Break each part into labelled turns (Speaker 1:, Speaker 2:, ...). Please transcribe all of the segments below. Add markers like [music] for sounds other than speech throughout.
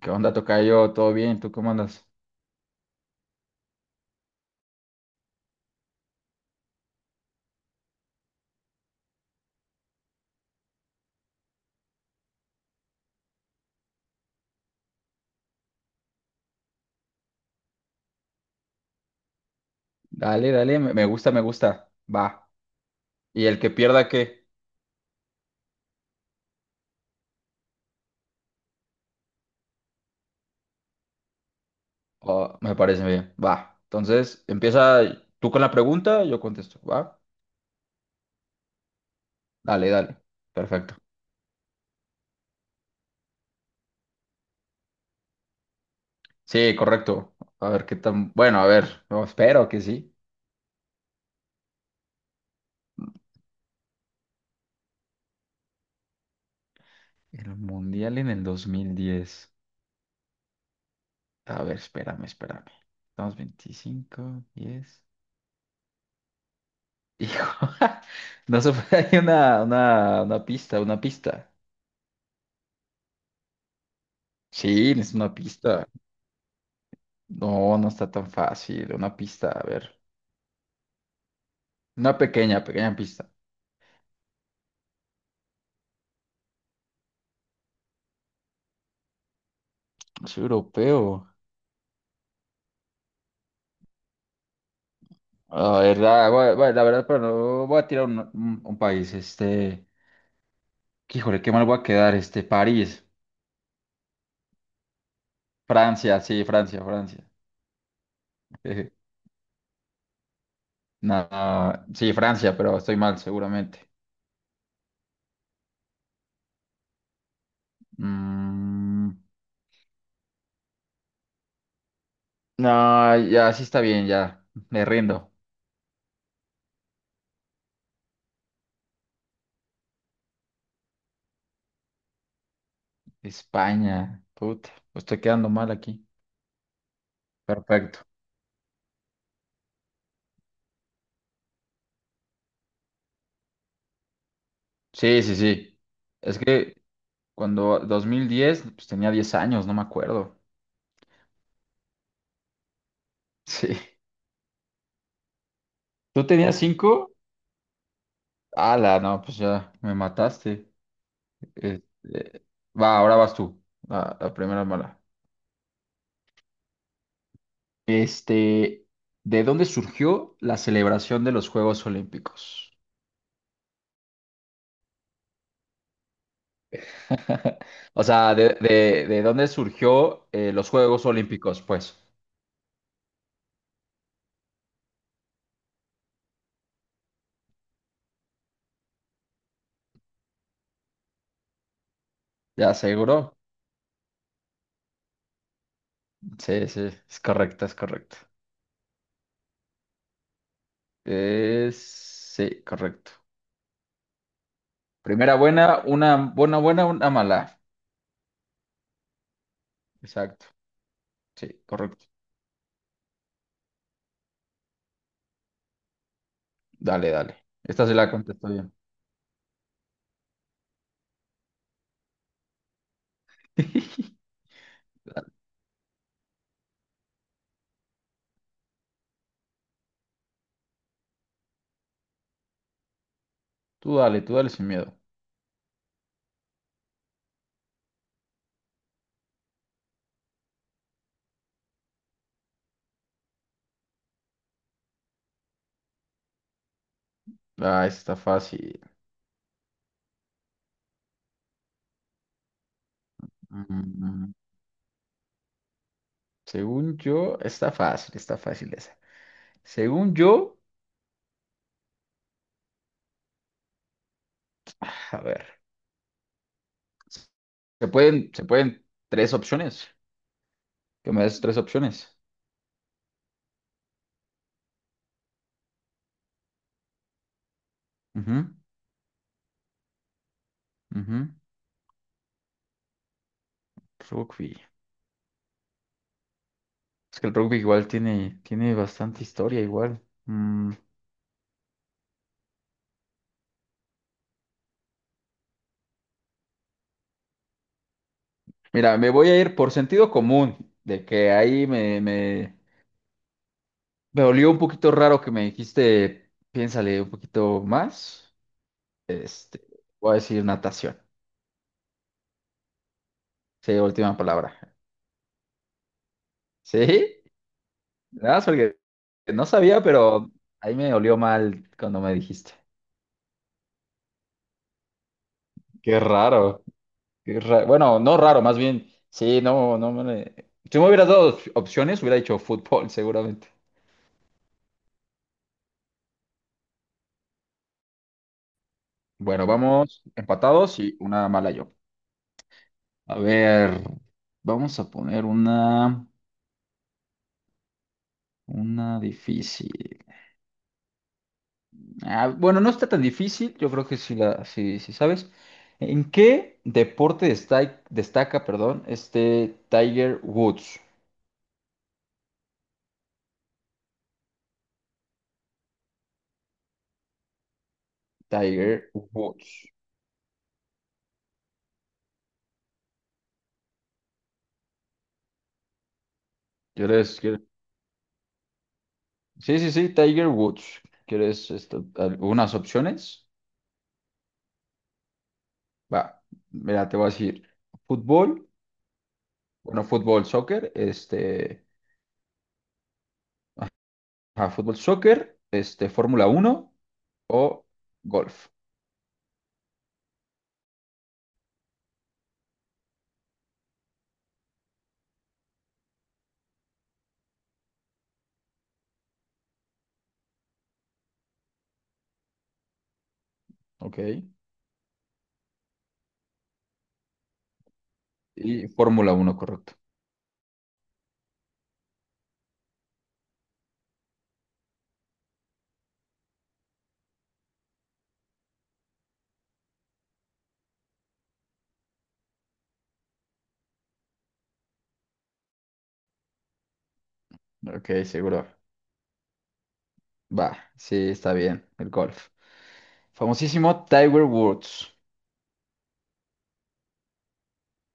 Speaker 1: ¿Qué onda, tocayo? ¿Todo bien? ¿Tú cómo andas? Dale, dale, me gusta, me gusta. Va. ¿Y el que pierda qué? Oh, me parece bien. Va. Entonces, empieza tú con la pregunta, yo contesto. Va. Dale, dale. Perfecto. Sí, correcto. A ver qué tan... Bueno, a ver, no, espero que sí. El Mundial en el 2010. A ver, espérame, espérame. Estamos 25, 10. Hijo, [laughs] no se puede, hay una, una pista, una pista. Sí, es una pista. No, no está tan fácil. Una pista, a ver. Una pequeña, pequeña pista. Es europeo. La verdad, la verdad, pero no voy a tirar un, un país. Este, que, híjole, qué mal voy a quedar. Este, París, Francia, sí, Francia, Francia. [laughs] Nada, sí, Francia, pero estoy mal, seguramente. Mm, no, ya sí está bien, ya. Me rindo. España, puta, pues estoy quedando mal aquí. Perfecto. Sí, sí, sí. Es que cuando 2010, pues tenía 10 años, no me acuerdo. [laughs] Sí. ¿Tú tenías 5? Ala, no, pues ya me mataste. Este, va, ahora vas tú. La primera mala. Este, ¿de dónde surgió la celebración de los Juegos Olímpicos? [laughs] O sea, ¿de, de dónde surgió los Juegos Olímpicos? Pues, ya seguro. Sí, sí, es correcto, es correcto. Es... Sí, correcto. Primera buena, una buena, buena, una mala. Exacto. Sí, correcto. Dale, dale. Esta se la contesto bien. [laughs] Dale. Tú dale, tú dale sin miedo. Ah, está fácil. Mm, Según yo, está fácil esa. Según yo, [sighs] a ver, se pueden tres opciones. Que me des tres opciones. Ujú, ujú. Rugby. Es que el rugby igual tiene, tiene bastante historia igual. Mm, Mira, me voy a ir por sentido común, de que ahí me, me, me olió un poquito raro que me dijiste, piénsale un poquito más. Este, voy a decir natación. Sí, última palabra. ¿Sí? Nada más porque no sabía, pero ahí me olió mal cuando me dijiste. Qué raro. Bueno, no raro, más bien. Sí, no, si me hubieras dado opciones, hubiera dicho fútbol, [laughs] seguramente. Bueno, vamos empatados y una mala yo. A ver, vamos a poner una difícil. Ah, bueno, no está tan difícil, yo creo que sí la, sí, sí sabes. ¿En qué deporte perdón, este Tiger Woods? Tiger Woods. ¿Quieres, quieres? Sí, sí, sí, Tiger Woods. ¿Quieres algunas opciones? Va, mira, te voy a decir fútbol, bueno, fútbol, soccer, este, ah, fútbol, soccer, este, Fórmula uno o golf. Ok. Y Fórmula uno, correcto. Ok, seguro. Va, sí, está bien, el golf. Famosísimo Tiger Woods.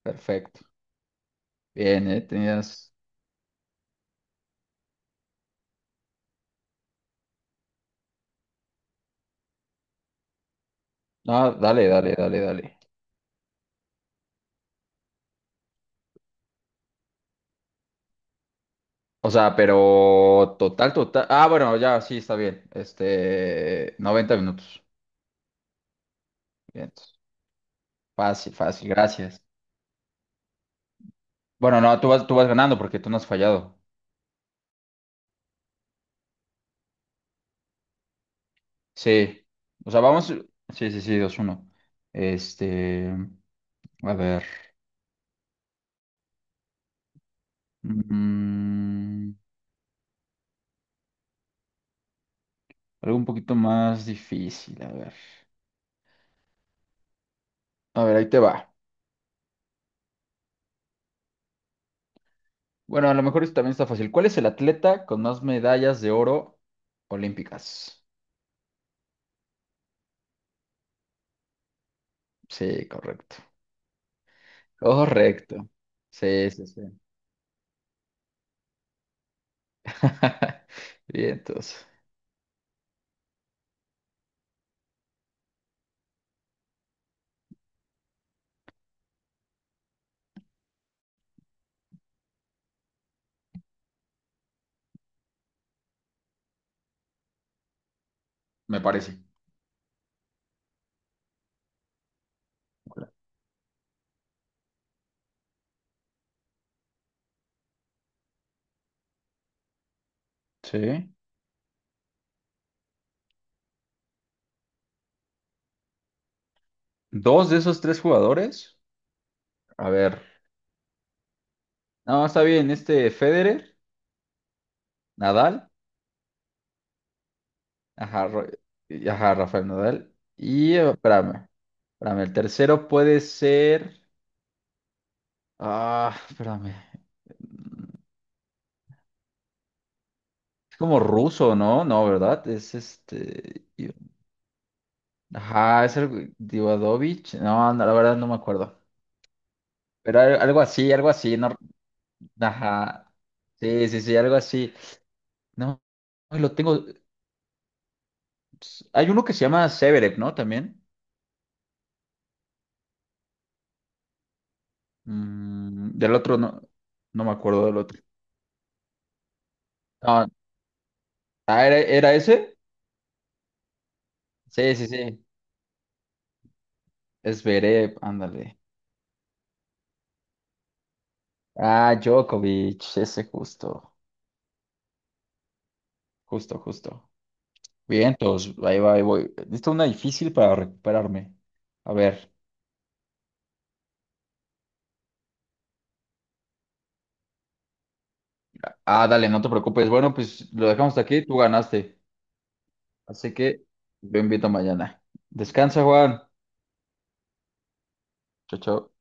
Speaker 1: Perfecto. Bien, ¿eh? Tenías... No, dale, dale, dale, dale. O sea, pero total, total. Ah, bueno, ya, sí, está bien. Este, 90 minutos. Bien, entonces, fácil, fácil, gracias. Bueno, no, tú vas ganando porque tú no has fallado. Sí. O sea, vamos. Sí, sí, sí, dos uno. Este, a ver. Mm, Algo un poquito más difícil, a ver. A ver, ahí te va. Bueno, a lo mejor esto también está fácil. ¿Cuál es el atleta con más medallas de oro olímpicas? Sí, correcto. Correcto. Sí, sí, sí. [laughs] Bien, entonces. Me parece. Sí. Dos de esos tres jugadores. A ver. No, está bien. Este Federer, Nadal. Ajá, ajá, Rafael Nadal. Y espérame. Espérame. El tercero puede ser. Ah, espérame. Es como ruso, ¿no? No, ¿verdad? Es este. Ajá, es el Divadovich. No, no, la verdad no me acuerdo. Pero algo así, no. Ajá. Sí, sí, sí, algo así. No, ay, lo tengo. Hay uno que se llama Severev, ¿no? También. Mm, del otro no. No me acuerdo del otro. No, ah, ¿era, era ese? Sí, sí, sí. Es Zverev, ándale. Ah, Djokovic, ese justo. Justo, justo. Bien, todos, ahí va, ahí voy. Esta es una difícil para recuperarme. A ver. Ah, dale, no te preocupes. Bueno, pues lo dejamos hasta aquí, tú ganaste. Así que yo invito mañana. Descansa, Juan. Chao, chao.